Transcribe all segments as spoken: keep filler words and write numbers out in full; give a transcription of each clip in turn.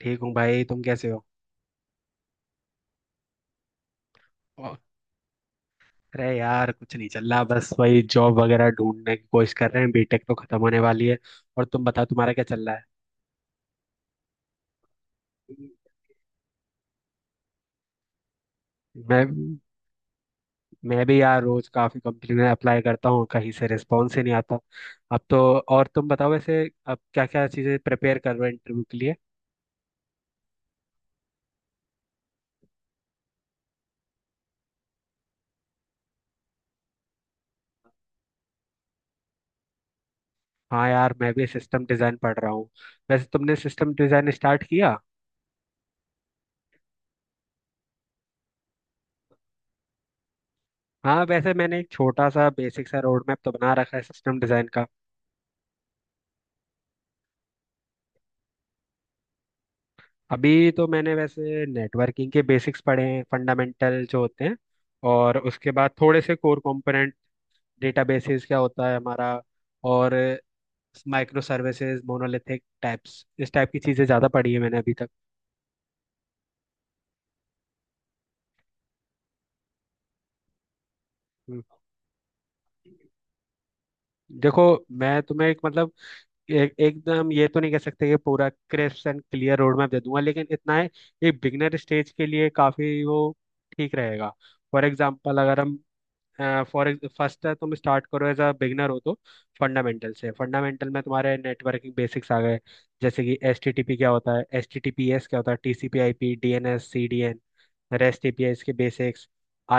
ठीक हूँ भाई तुम कैसे हो? और- अरे यार कुछ नहीं चल रहा, बस वही जॉब वगैरह ढूंढने की कोशिश कर रहे हैं। बीटेक तो खत्म होने वाली है। और तुम बताओ तुम्हारा क्या चल रहा है? मैं मैं भी यार रोज काफी कंपनी में अप्लाई करता हूँ, कहीं से रिस्पॉन्स ही नहीं आता। अब तो। और तुम बताओ वैसे, अब क्या क्या चीजें प्रिपेयर कर रहे हो इंटरव्यू के लिए? हाँ यार, मैं भी सिस्टम डिजाइन पढ़ रहा हूँ। वैसे तुमने सिस्टम डिजाइन स्टार्ट किया? हाँ वैसे मैंने एक छोटा सा बेसिक सा रोड मैप तो बना रखा है सिस्टम डिजाइन का। अभी तो मैंने वैसे नेटवर्किंग के बेसिक्स पढ़े हैं, फंडामेंटल जो होते हैं। और उसके बाद थोड़े से कोर कंपोनेंट, डेटाबेसेस क्या होता है हमारा, और माइक्रो सर्विसेज, मोनोलिथिक टाइप्स, इस टाइप की चीज़ें ज़्यादा पढ़ी है मैंने अभी तक। हम्म। देखो, मैं तुम्हें एक, मतलब एक, एकदम ये तो नहीं कह सकते कि पूरा crisp and clear road map दे दूंगा, लेकिन इतना है एक बिगनर स्टेज के लिए काफ़ी वो ठीक रहेगा। फॉर एग्जाम्पल अगर हम, फॉर फर्स्ट है, तुम स्टार्ट करो एज अ बिगनर हो तो फंडामेंटल से, फंडामेंटल में तुम्हारे नेटवर्किंग बेसिक्स आ गए। जैसे कि एच टी टी पी क्या होता है, H T T P S क्या होता है, T C P I P, D N S, C D N, rest A P I, इसके basics,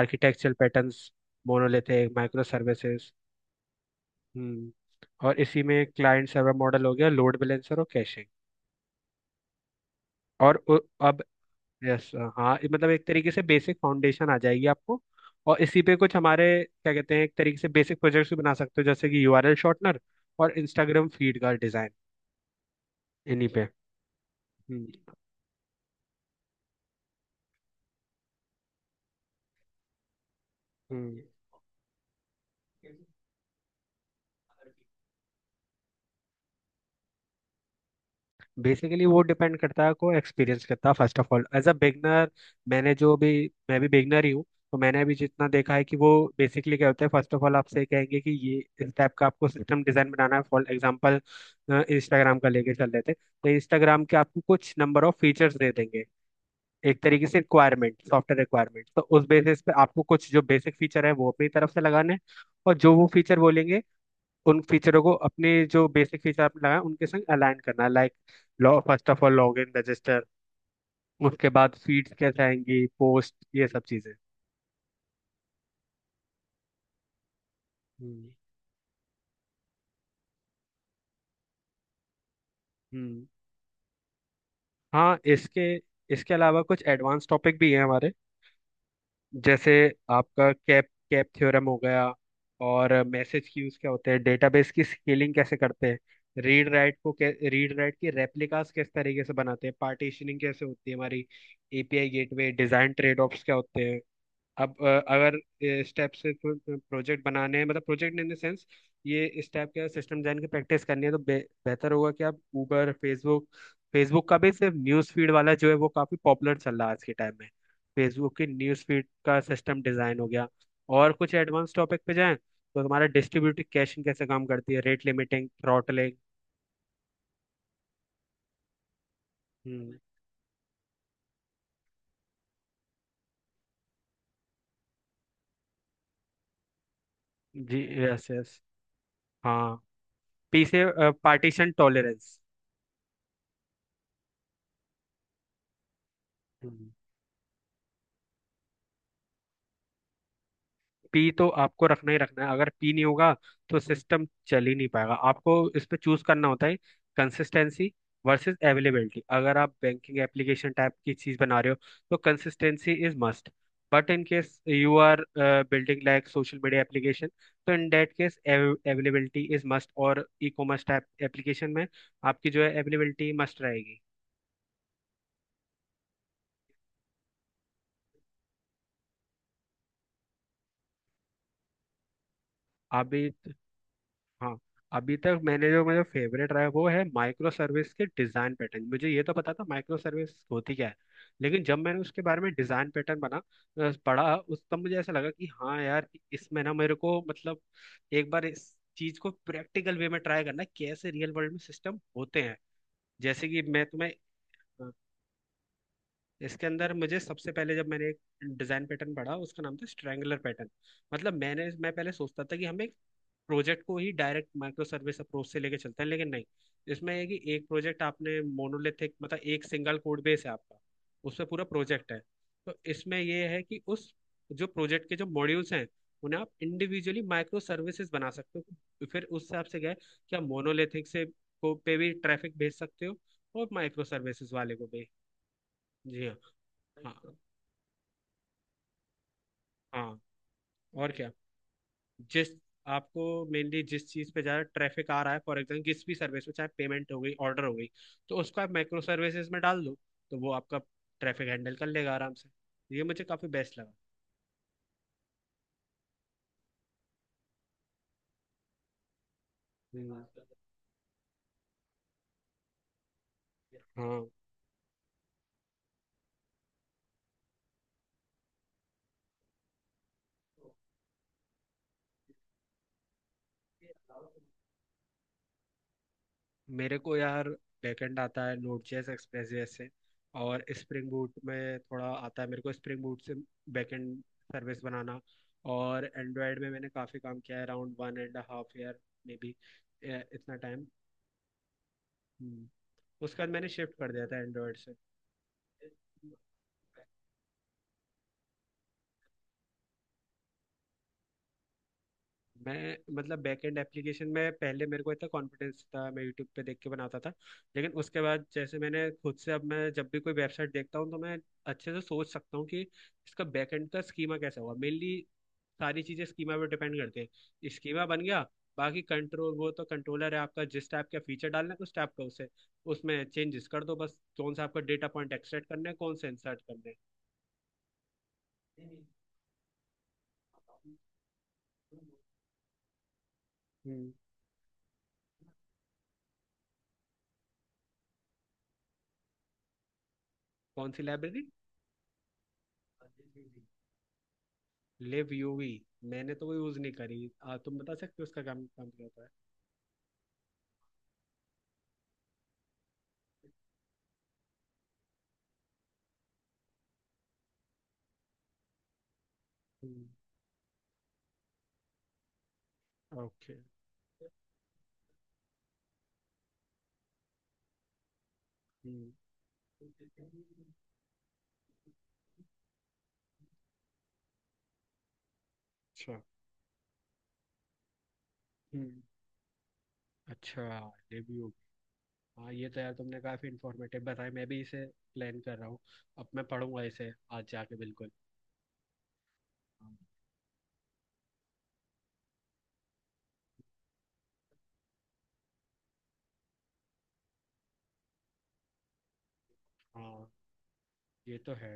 architectural patterns, monolithic micro services. Hmm. और इसी में क्लाइंट सर्वर मॉडल हो गया, लोड बैलेंसर और कैशिंग। और उ- अब, यस, हाँ ये, मतलब एक तरीके से बेसिक फाउंडेशन आ जाएगी आपको। और इसी पे कुछ हमारे, क्या कहते हैं, एक तरीके से बेसिक प्रोजेक्ट्स भी बना सकते हो, जैसे कि यूआरएल शॉर्टनर और इंस्टाग्राम फीड का डिजाइन, इन्हीं पे। हम्म। हम्म। बेसिकली वो डिपेंड करता है को एक्सपीरियंस करता है। First of all as a beginner, मैंने जो भी, मैं भी बिगनर ही हूँ। तो मैंने अभी जितना देखा है कि वो बेसिकली क्या होता है, फर्स्ट ऑफ ऑल आपसे कहेंगे कि ये इस टाइप का आपको सिस्टम डिजाइन बनाना है। फॉर एग्जांपल इंस्टाग्राम का लेके चल लेते हैं। तो इंस्टाग्राम के आपको कुछ नंबर ऑफ फीचर्स दे देंगे, एक तरीके से रिक्वायरमेंट, सॉफ्टवेयर रिक्वायरमेंट। तो उस बेसिस पे आपको कुछ जो बेसिक फीचर है वो अपनी तरफ से लगाने हैं। और जो वो फीचर बोलेंगे उन फीचरों को अपने जो बेसिक फीचर आपने लगाए उनके संग अलाइन करना, लाइक लॉ first of all log in, register, उसके बाद फीड्स कैसे आएंगी, पोस्ट, ये सब चीजें। हम्म। हम्म। हाँ, इसके इसके अलावा कुछ एडवांस टॉपिक भी हैं हमारे। जैसे आपका कैप कैप थ्योरम हो गया, और मैसेज क्यूज क्या होते हैं, डेटाबेस की स्केलिंग कैसे करते हैं, रीड राइट को, रीड राइट की रेप्लिकास किस तरीके से बनाते हैं, पार्टीशनिंग कैसे होती है हमारी, API gateway design, trade offs क्या होते हैं। अब अ, अगर स्टेप से प्रोजेक्ट बनाने हैं, मतलब प्रोजेक्ट इन द सेंस, ये स्टेप, क्या सिस्टम डिजाइन की प्रैक्टिस करनी है तो बे, बेहतर होगा कि आप ऊबर, फेसबुक, फेसबुक का भी सिर्फ न्यूज़ फीड वाला जो है वो काफ़ी पॉपुलर चल रहा है आज के टाइम में। फेसबुक की न्यूज़ फीड का सिस्टम डिज़ाइन हो गया। और कुछ एडवांस टॉपिक पे जाएं तो हमारा डिस्ट्रीब्यूटिव कैशिंग कैसे काम करती है, रेट लिमिटिंग, थ्रॉटलिंग। हम्म। जी, यस यस। हाँ। पीछे। Partition tolerance. पी तो आपको रखना ही रखना है, अगर पी नहीं होगा तो सिस्टम चल ही नहीं पाएगा। आपको इस पे चूज करना होता है, कंसिस्टेंसी वर्सेस अवेलेबिलिटी। अगर आप बैंकिंग एप्लीकेशन टाइप की चीज बना रहे हो तो consistency is must. But in case you are building like social media application, तो in that case availability is must, और ई कॉमर्स टाइप एप्लीकेशन में आपकी जो है अवेलेबिलिटी मस्ट रहेगी। आप भी। हाँ। अभी तक मैंने जो, मेरा फेवरेट रहा है वो है माइक्रो सर्विस के डिज़ाइन पैटर्न। मुझे ये तो पता था माइक्रो सर्विस होती क्या है, लेकिन जब मैंने उसके बारे में डिज़ाइन पैटर्न बना, अ, पढ़ा उस, तब मुझे ऐसा लगा कि हाँ यार, कि इसमें ना मेरे को, मतलब एक बार इस चीज़ को प्रैक्टिकल वे में ट्राई करना है, कैसे रियल वर्ल्ड में सिस्टम होते हैं। जैसे कि मैं तुम्हें, इसके अंदर मुझे सबसे पहले जब मैंने एक डिजाइन पैटर्न पढ़ा, उसका नाम था स्ट्रैंगुलर पैटर्न। मतलब मैंने मैं पहले सोचता था कि हम एक प्रोजेक्ट को ही डायरेक्ट माइक्रो सर्विस अप्रोच से लेके चलते हैं, लेकिन नहीं। इसमें है कि एक प्रोजेक्ट आपने मोनोलिथिक, मतलब एक सिंगल कोड बेस है आपका, उसमें पूरा प्रोजेक्ट है। तो इसमें ये है कि उस जो प्रोजेक्ट के जो मॉड्यूल्स हैं, उन्हें आप इंडिविजुअली माइक्रो सर्विसेज बना सकते हो। फिर उस हिसाब से क्या है कि आप मोनोलिथिक से को पे भी ट्रैफिक भेज सकते हो, और माइक्रो सर्विसेज वाले को भी। जी हाँ। हाँ, हाँ। और क्या। जिस आपको मेनली जिस चीज़ पे ज़्यादा ट्रैफिक आ रहा है, फॉर एग्जाम्पल किसी भी सर्विस में चाहे पेमेंट हो गई, ऑर्डर हो गई, तो उसको आप माइक्रो सर्विसेज में डाल दो, तो वो आपका ट्रैफिक हैंडल कर लेगा आराम से। ये मुझे काफ़ी बेस्ट लगा। हम्म। हाँ। मेरे को यार बैकएंड आता है, नोड जेएस एक्सप्रेस जेएस से, और स्प्रिंग बूट में थोड़ा आता है मेरे को, स्प्रिंग बूट से बैकएंड सर्विस बनाना। और एंड्रॉयड में मैंने काफ़ी काम किया है, around one and half year maybe, इतना टाइम। उसके बाद मैंने शिफ्ट कर दिया था एंड्रॉयड से। मैं, मतलब बैकएंड एप्लीकेशन में पहले मेरे को इतना कॉन्फिडेंस था, मैं यूट्यूब पे देख के बनाता था। लेकिन उसके बाद जैसे मैंने खुद से, अब मैं जब भी कोई वेबसाइट देखता हूँ तो मैं अच्छे से सोच सकता हूँ कि इसका बैकएंड का स्कीमा कैसा होगा, मेनली सारी चीज़ें स्कीमा पे डिपेंड करते हैं। स्कीमा बन गया, बाकी कंट्रोल, वो तो कंट्रोलर है आपका, जिस टाइप का फीचर डालना है उस टाइप का उसे, उसमें चेंजेस कर दो, बस कौन सा आपका डेटा पॉइंट एक्सट्रैक्ट करना है, कौन सा इंसर्ट करना है। हम्म। कौन सी लाइब्रेरी? Libuv? मैंने तो वो यूज नहीं करी, आ, तुम बता सकते हो उसका काम काम क्या होता है? ओके। अच्छा। हम्म। अच्छा। Live UV. हाँ, ये तो यार तुमने काफी इंफॉर्मेटिव बताया, मैं भी इसे प्लान कर रहा हूँ, अब मैं पढ़ूंगा इसे आज जाके, बिल्कुल। हाँ। हाँ, ये तो है।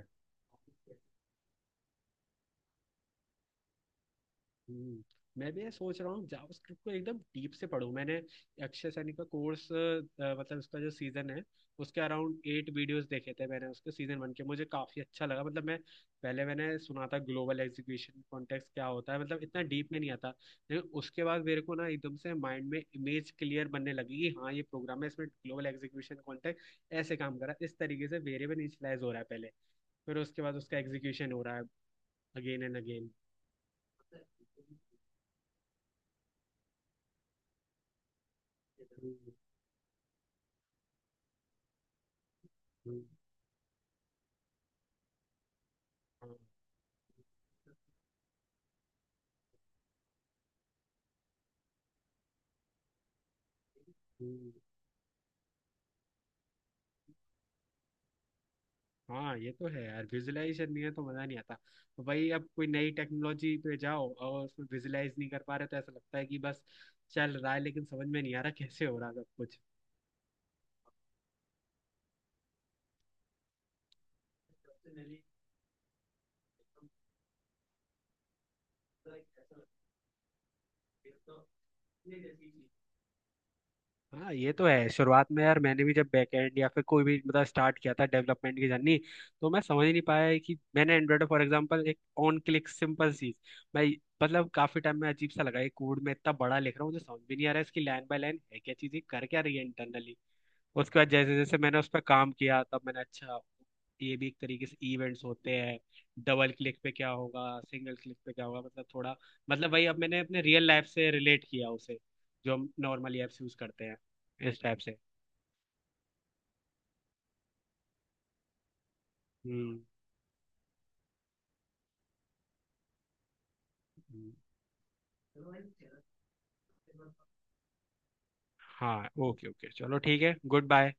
हम्म। मैं भी ये सोच रहा हूँ जावास्क्रिप्ट को एकदम डीप से पढूं। मैंने अक्षय सैनी का कोर्स, मतलब उसका जो सीजन है उसके अराउंड एट वीडियोस देखे थे मैंने, उसके सीजन वन के, मुझे काफी अच्छा लगा। मतलब मैं, पहले मैंने सुना था ग्लोबल एग्जीक्यूशन कॉन्टेक्स्ट क्या होता है, मतलब इतना डीप में नहीं आता। लेकिन उसके बाद मेरे को ना एकदम से माइंड में इमेज क्लियर बनने लगी, कि हाँ ये प्रोग्राम है, इसमें ग्लोबल एग्जीक्यूशन कॉन्टेक्स्ट ऐसे काम कर रहा है, इस तरीके से वेरिएबल इनिशियलाइज हो रहा है पहले, फिर उसके बाद उसका एग्जीक्यूशन हो रहा है अगेन एंड अगेन। हम्म। हाँ। हम्म। हाँ ये तो है यार, विजुलाइजेशन नहीं है तो मजा नहीं आता। तो भाई, अब कोई नई टेक्नोलॉजी पे जाओ और उसमें विजुलाइज नहीं कर पा रहे, तो ऐसा लगता है कि बस चल रहा है लेकिन समझ में नहीं आ रहा कैसे हो रहा है सब कुछ। हाँ ये तो है, शुरुआत में यार मैंने भी जब बैकएंड या फिर कोई भी, मतलब स्टार्ट किया था डेवलपमेंट की जर्नी, तो मैं समझ ही नहीं पाया, कि मैंने एंड्रॉइड, फॉर एग्जांपल एक ऑन क्लिक सिंपल चीज, मैं मतलब काफी टाइम में अजीब सा लगा ये, कोड में इतना बड़ा लिख रहा हूँ, मुझे समझ भी नहीं आ रहा है इसकी लाइन बाय लाइन है क्या चीज, ये कर क्या रही है इंटरनली। उसके बाद जैसे जैसे मैंने उस पर काम किया, तब मैंने, अच्छा ये भी एक तरीके से इवेंट्स होते हैं, डबल क्लिक पे क्या होगा, सिंगल क्लिक पे क्या होगा, मतलब थोड़ा, मतलब वही, अब मैंने अपने रियल लाइफ से रिलेट किया उसे, जो हम नॉर्मली ऐप्स यूज करते हैं इस टाइप से। हम्म। हम्म। हाँ ओके ओके चलो ठीक है गुड बाय।